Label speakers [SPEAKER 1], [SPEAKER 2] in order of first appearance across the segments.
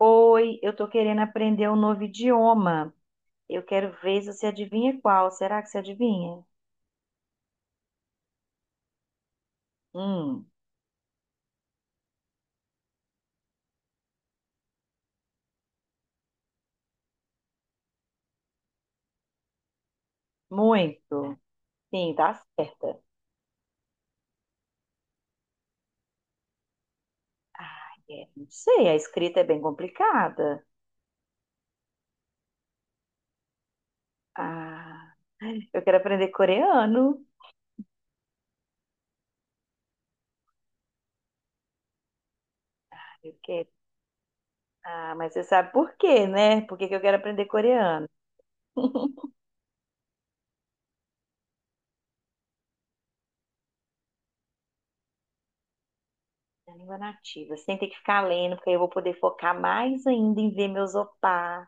[SPEAKER 1] Oi, eu tô querendo aprender um novo idioma. Eu quero ver se você adivinha qual. Será que você adivinha? Hum, muito. Sim, tá certa. Ah, é, não sei, a escrita é bem complicada. Ah, eu quero aprender coreano. Ah, eu quero. Ah, mas você sabe por quê, né? Por que que eu quero aprender coreano? É a língua nativa. Você tem que ficar lendo, porque aí eu vou poder focar mais ainda em ver meus opá.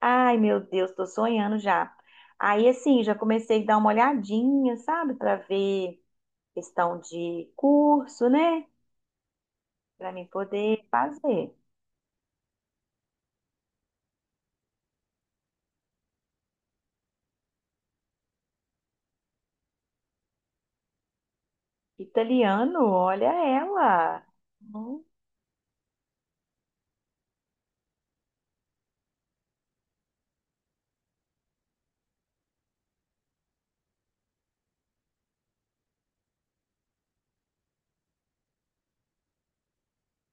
[SPEAKER 1] Ai, meu Deus, tô sonhando já. Aí, assim, já comecei a dar uma olhadinha, sabe, para ver questão de curso, né, pra mim poder fazer. Italiano, olha ela. Hum,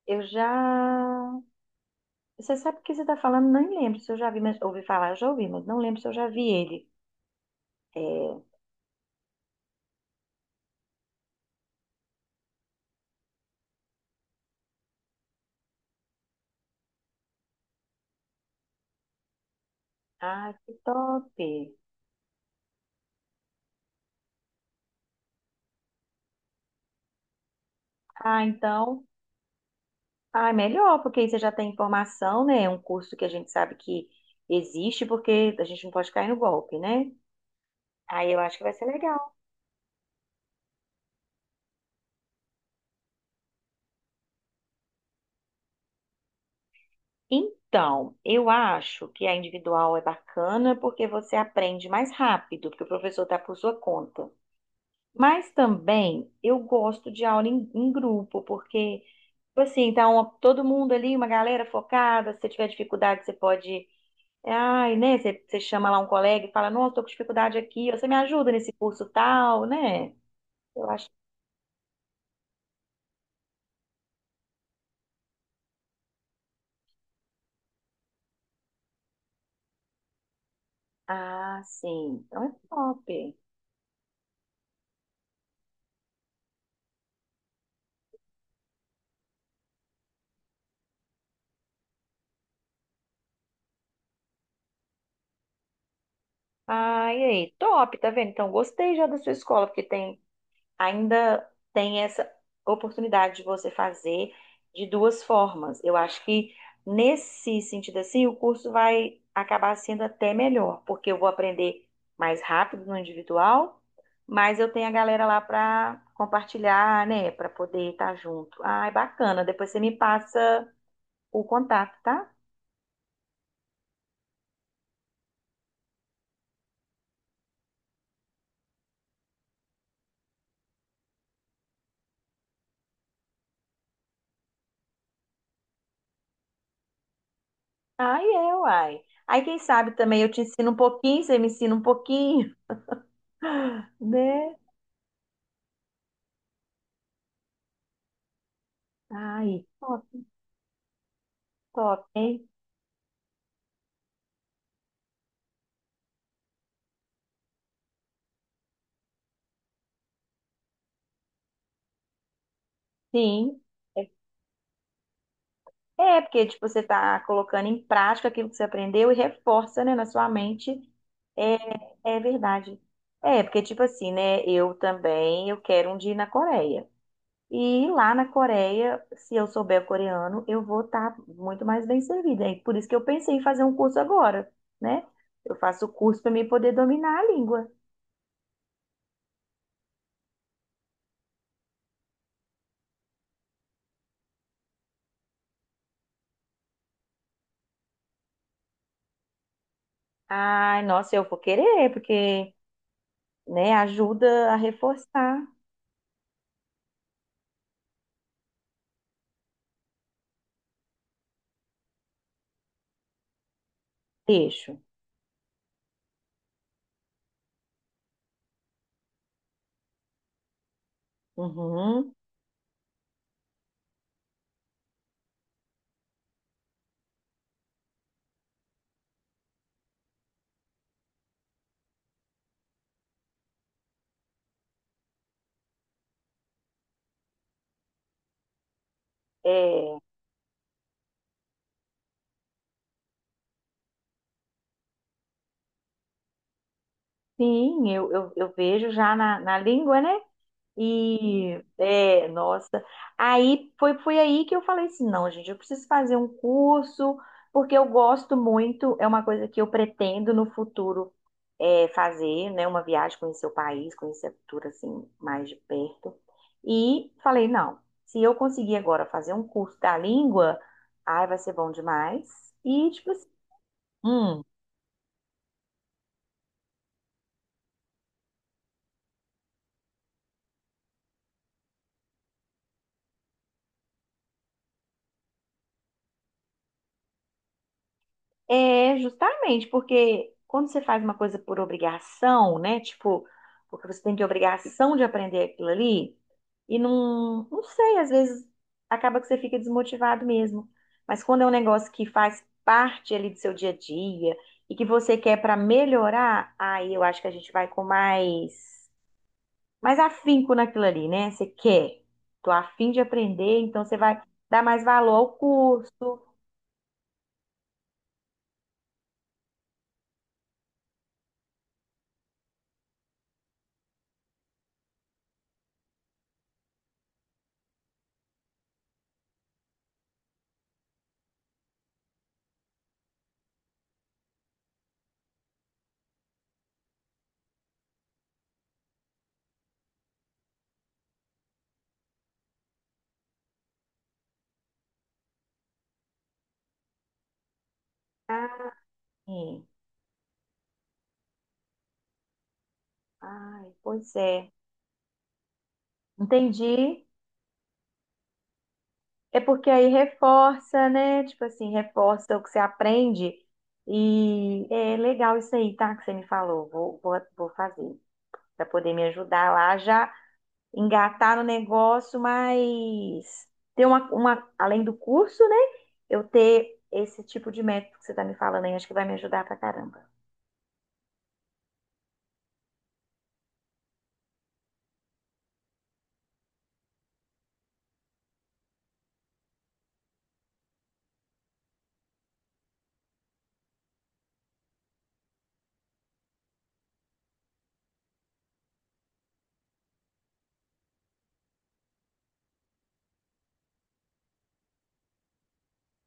[SPEAKER 1] Eu já. Você sabe o que você tá falando? Não lembro se eu já vi, mas ouvi falar, já ouvi, mas não lembro se eu já vi ele. É... Ah, que top. Ah, então. Ah, é melhor, porque aí você já tem informação, né? É um curso que a gente sabe que existe, porque a gente não pode cair no golpe, né? Aí eu acho que vai ser legal. Então, eu acho que a individual é bacana porque você aprende mais rápido, porque o professor está por sua conta. Mas também eu gosto de aula em grupo, porque, tipo assim, tá uma- todo mundo ali, uma galera focada. Se você tiver dificuldade, você pode. Ai, né? Você chama lá um colega e fala, nossa, tô com dificuldade aqui, você me ajuda nesse curso tal, né? Eu acho. Ah, sim. Então é top. Ah, e aí? Top, tá vendo? Então gostei já da sua escola, porque tem ainda tem essa oportunidade de você fazer de duas formas. Eu acho que nesse sentido assim, o curso vai acabar sendo até melhor, porque eu vou aprender mais rápido no individual, mas eu tenho a galera lá para compartilhar, né, para poder estar junto. Ai, bacana. Depois você me passa o contato, tá? Ai, é, uai. Aí, quem sabe também eu te ensino um pouquinho, você me ensina um pouquinho, né? Ai, top, top, hein? Sim. É. É, porque, tipo, você está colocando em prática aquilo que você aprendeu e reforça, né, na sua mente. É, é verdade. É, porque, tipo assim, né, eu também, eu quero um dia ir na Coreia. E lá na Coreia, se eu souber coreano, eu vou estar muito mais bem servida. E por isso que eu pensei em fazer um curso agora, né? Eu faço o curso para mim poder dominar a língua. Ai, nossa, eu vou querer, porque, né, ajuda a reforçar. Deixo. Uhum. É, sim, eu vejo já na, na língua, né? E, é, nossa. Aí foi, foi aí que eu falei assim: não, gente, eu preciso fazer um curso, porque eu gosto muito, é uma coisa que eu pretendo no futuro é, fazer, né? Uma viagem, conhecer o país, conhecer a cultura, assim, mais de perto. E falei: não, se eu conseguir agora fazer um curso da língua, ai, vai ser bom demais. E, tipo assim, "Hum, é, justamente, porque quando você faz uma coisa por obrigação, né? Tipo, porque você tem que obrigação de aprender aquilo ali, e não, não sei, às vezes acaba que você fica desmotivado mesmo. Mas quando é um negócio que faz parte ali do seu dia a dia e que você quer para melhorar, aí eu acho que a gente vai com mais, mais afinco naquilo ali, né? Você quer, tô afim de aprender, então você vai dar mais valor ao curso. Sim. Ai, pois é. Entendi. É porque aí reforça, né? Tipo assim, reforça o que você aprende. E é legal isso aí, tá? Que você me falou. Vou fazer. Pra poder me ajudar lá, já engatar no negócio, mas ter uma, além do curso, né? Eu ter esse tipo de método que você tá me falando aí, acho que vai me ajudar pra caramba.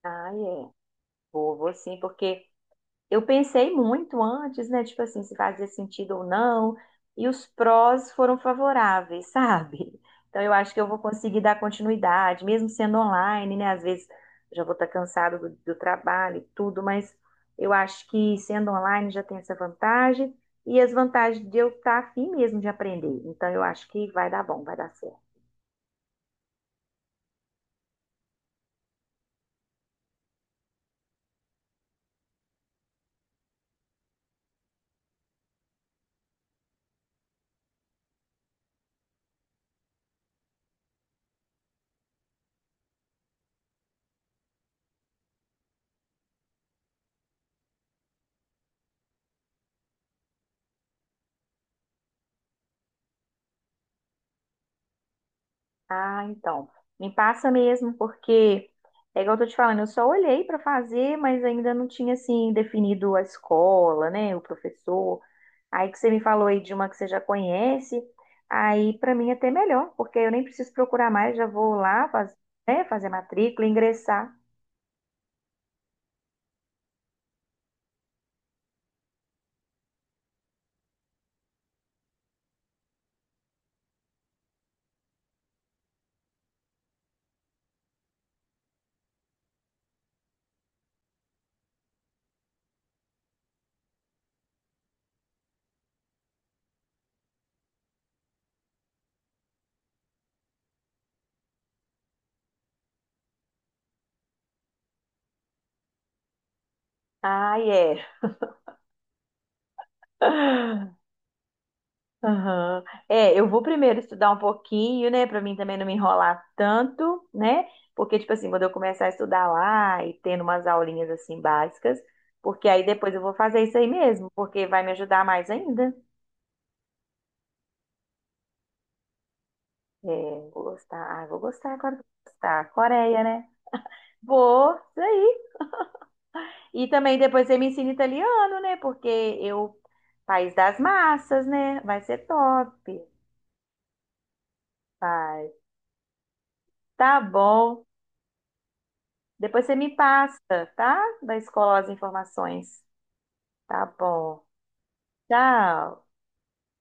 [SPEAKER 1] Ah, é. Vou, vou sim, porque. Eu pensei muito antes, né? Tipo assim, se fazia sentido ou não. E os prós foram favoráveis, sabe? Então eu acho que eu vou conseguir dar continuidade, mesmo sendo online, né? Às vezes já vou estar cansado do trabalho e tudo, mas eu acho que sendo online já tem essa vantagem e as vantagens de eu estar afim mesmo de aprender. Então eu acho que vai dar bom, vai dar certo. Ah, então. Me passa mesmo, porque é igual eu tô te falando, eu só olhei para fazer, mas ainda não tinha assim definido a escola, né, o professor. Aí que você me falou aí de uma que você já conhece, aí para mim é até melhor, porque eu nem preciso procurar mais, já vou lá faz, né, fazer matrícula, ingressar. Ah, é. Aham. É, eu vou primeiro estudar um pouquinho, né, pra mim também não me enrolar tanto, né? Porque tipo assim, quando eu começar a estudar lá e tendo umas aulinhas assim básicas, porque aí depois eu vou fazer isso aí mesmo, porque vai me ajudar mais ainda. É, vou gostar, ah, vou gostar, agora vou gostar. Coreia, né? Vou, isso aí. E também depois você me ensina italiano, né? Porque eu, país das massas, né? Vai ser top. Vai. Tá bom. Depois você me passa, tá? Da escola as informações. Tá bom. Tchau.